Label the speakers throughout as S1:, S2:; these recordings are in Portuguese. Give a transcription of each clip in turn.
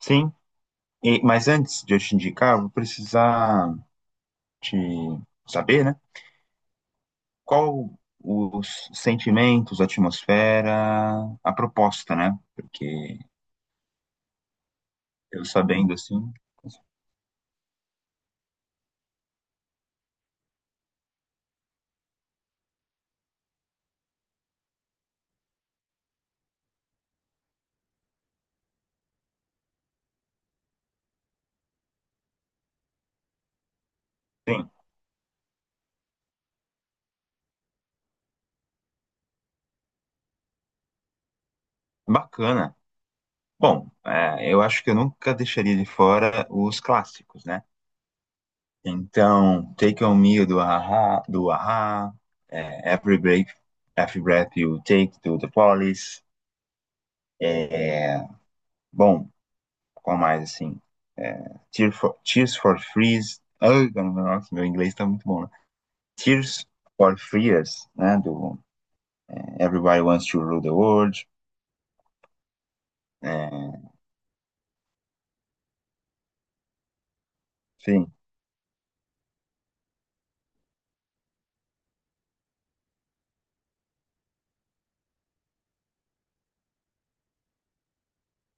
S1: Sim, mas antes de eu te indicar, eu vou precisar te saber, né? Qual os sentimentos, a atmosfera, a proposta, né? Porque eu sabendo assim, sim, bacana. Bom, eu acho que eu nunca deixaria de fora os clássicos, né? Então, Take On Me do Aha, é, Every Breath You Take do The Police. É, bom. Qual mais, assim? É, Tears for Fears. Ai, nossa, meu inglês tá muito bom, né? Tears for Fears, né? Do é, Everybody Wants to Rule the World. É, enfim,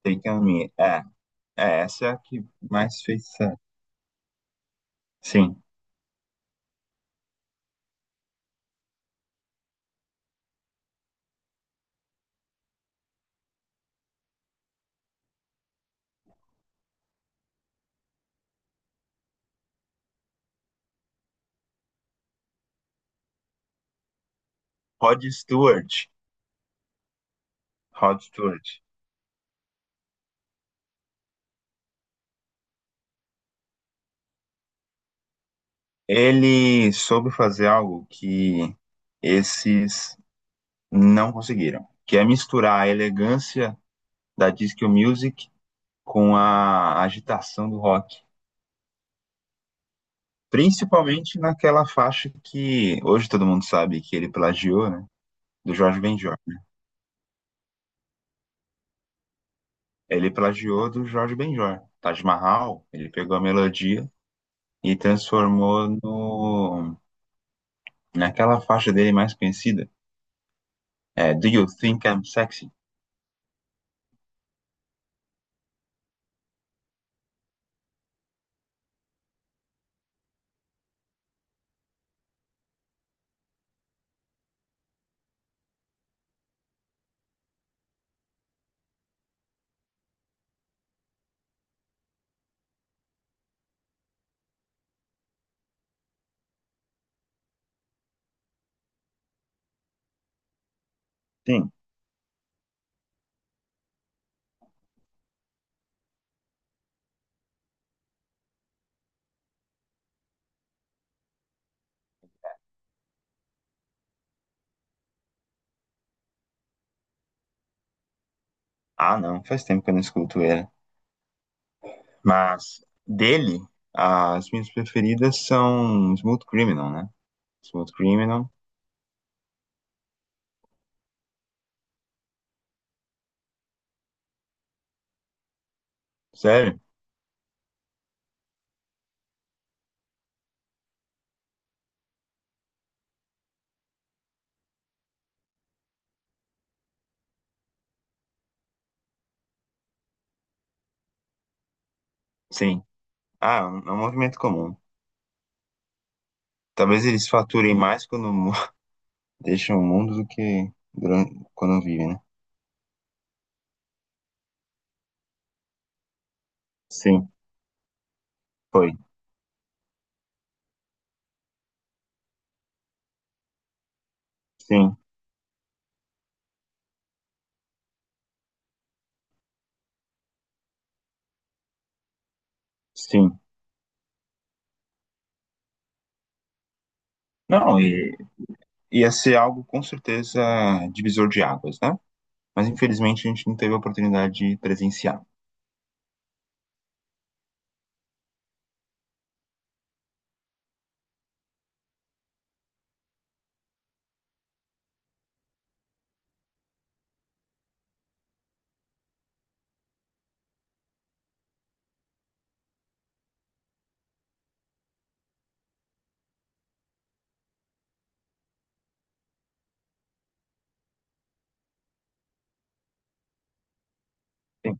S1: Take On Me. É, é, essa é a que mais fez sucesso. Sim. Rod Stewart. Rod Stewart. Ele soube fazer algo que esses não conseguiram, que é misturar a elegância da disco music com a agitação do rock. Principalmente naquela faixa que hoje todo mundo sabe que ele plagiou, né? Do Jorge Benjor. Ele plagiou do Jorge Benjor. Taj Mahal, ele pegou a melodia e transformou no naquela faixa dele mais conhecida. É, Do You Think I'm Sexy? Sim. Ah, não, faz tempo que eu não escuto ele. Mas dele, as minhas preferidas são Smooth Criminal, né? Smooth Criminal. Sério? Sim. Ah, é um movimento comum. Talvez eles faturem mais quando Deixa o mundo do que quando vive, né? Sim, foi. Sim, sim. Não, e ia ser algo com certeza divisor de águas, né? Mas infelizmente a gente não teve a oportunidade de presenciar. Sim.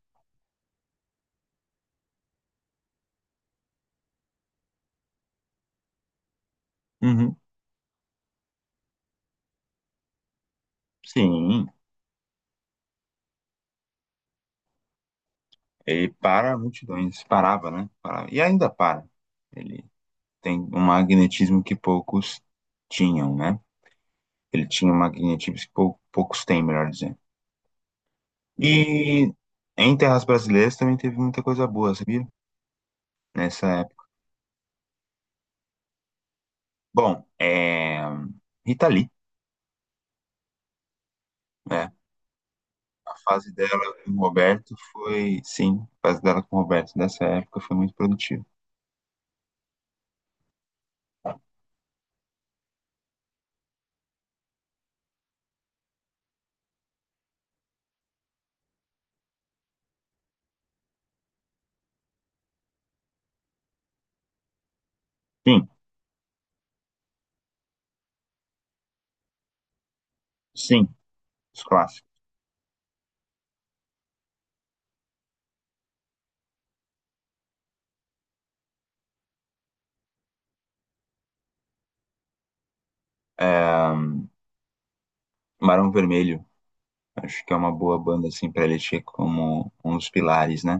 S1: Uhum. Sim, ele para multidões, parava, né? Parava. E ainda para. Ele tem um magnetismo que poucos tinham, né? Ele tinha um magnetismo que poucos têm, melhor dizendo. E em terras brasileiras também teve muita coisa boa, sabia? Nessa época. Bom, é... Rita Lee, né? A fase dela com o Roberto foi, sim, a fase dela com o Roberto nessa época foi muito produtiva. Sim, sim, os clássicos. Barão Vermelho, acho que é uma boa banda, assim, pra eleger como um dos pilares, né?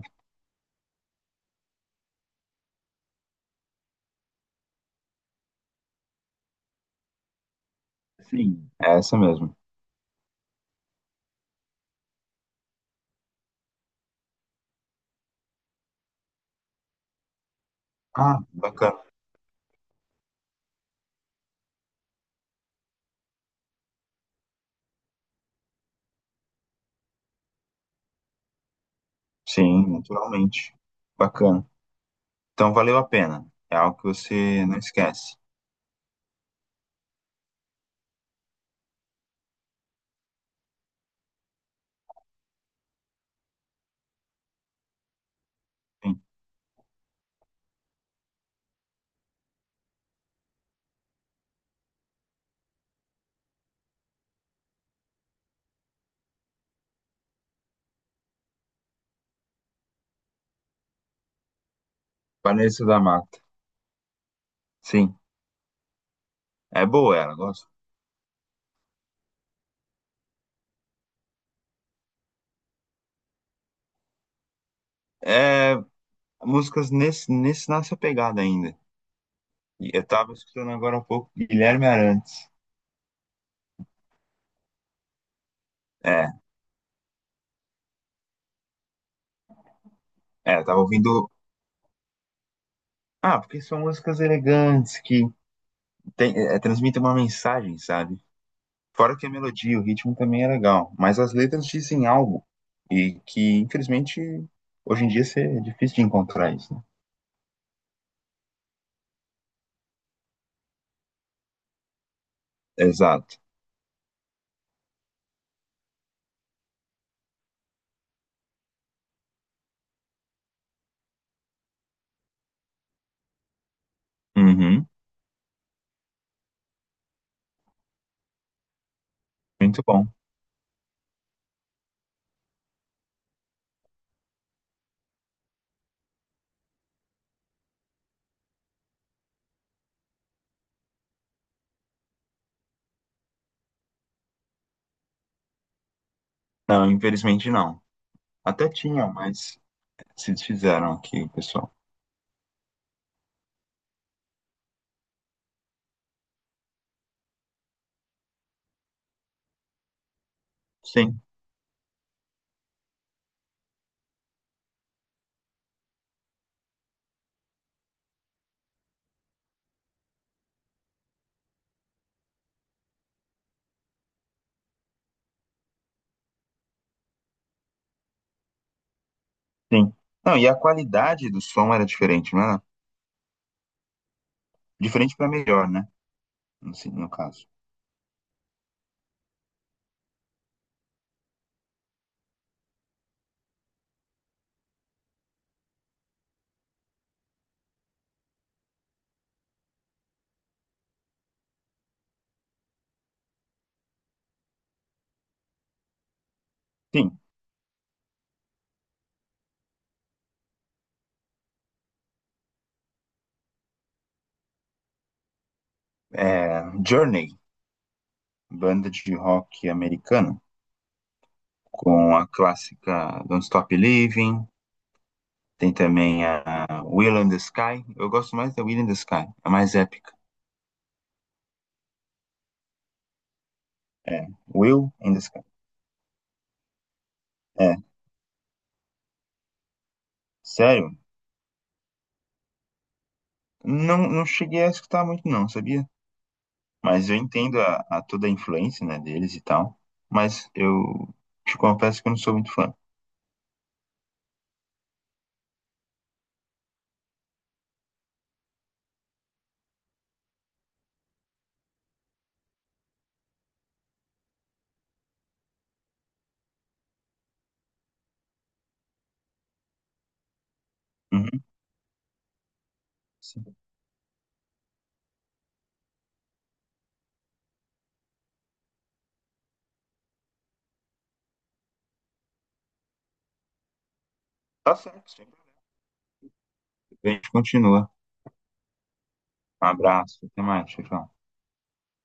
S1: Sim. É essa mesmo. Ah, bacana. Sim, naturalmente. Bacana. Então valeu a pena. É algo que você não esquece. Sim. Vanessa da Mata. Sim. É boa ela, gosto. É, músicas nessa pegada ainda. E eu tava escutando agora há pouco Guilherme Arantes. É, eu tava ouvindo. Ah, porque são músicas elegantes que é, transmitem uma mensagem, sabe? Fora que a melodia, o ritmo também é legal, mas as letras dizem algo e que, infelizmente, hoje em dia isso é difícil de encontrar isso, né? Exato. Uhum, muito bom. Não, infelizmente não. Até tinham, mas se desfizeram aqui, pessoal. Sim. Sim. Não, e a qualidade do som era diferente, né? Diferente para melhor, né? No, no caso. Sim. É, Journey, banda de rock americana, com a clássica Don't Stop Living. Tem também a Will in the Sky. Eu gosto mais da Will in the Sky, a mais épica. É, Will in the Sky. É, sério? Não, não cheguei a escutar muito, não, sabia? Mas eu entendo a toda a influência, né, deles e tal. Mas eu te confesso que eu não sou muito fã. Uhum, sim. Tá certo, sempre. A gente continua. Um abraço, até mais, tchau. Tchau.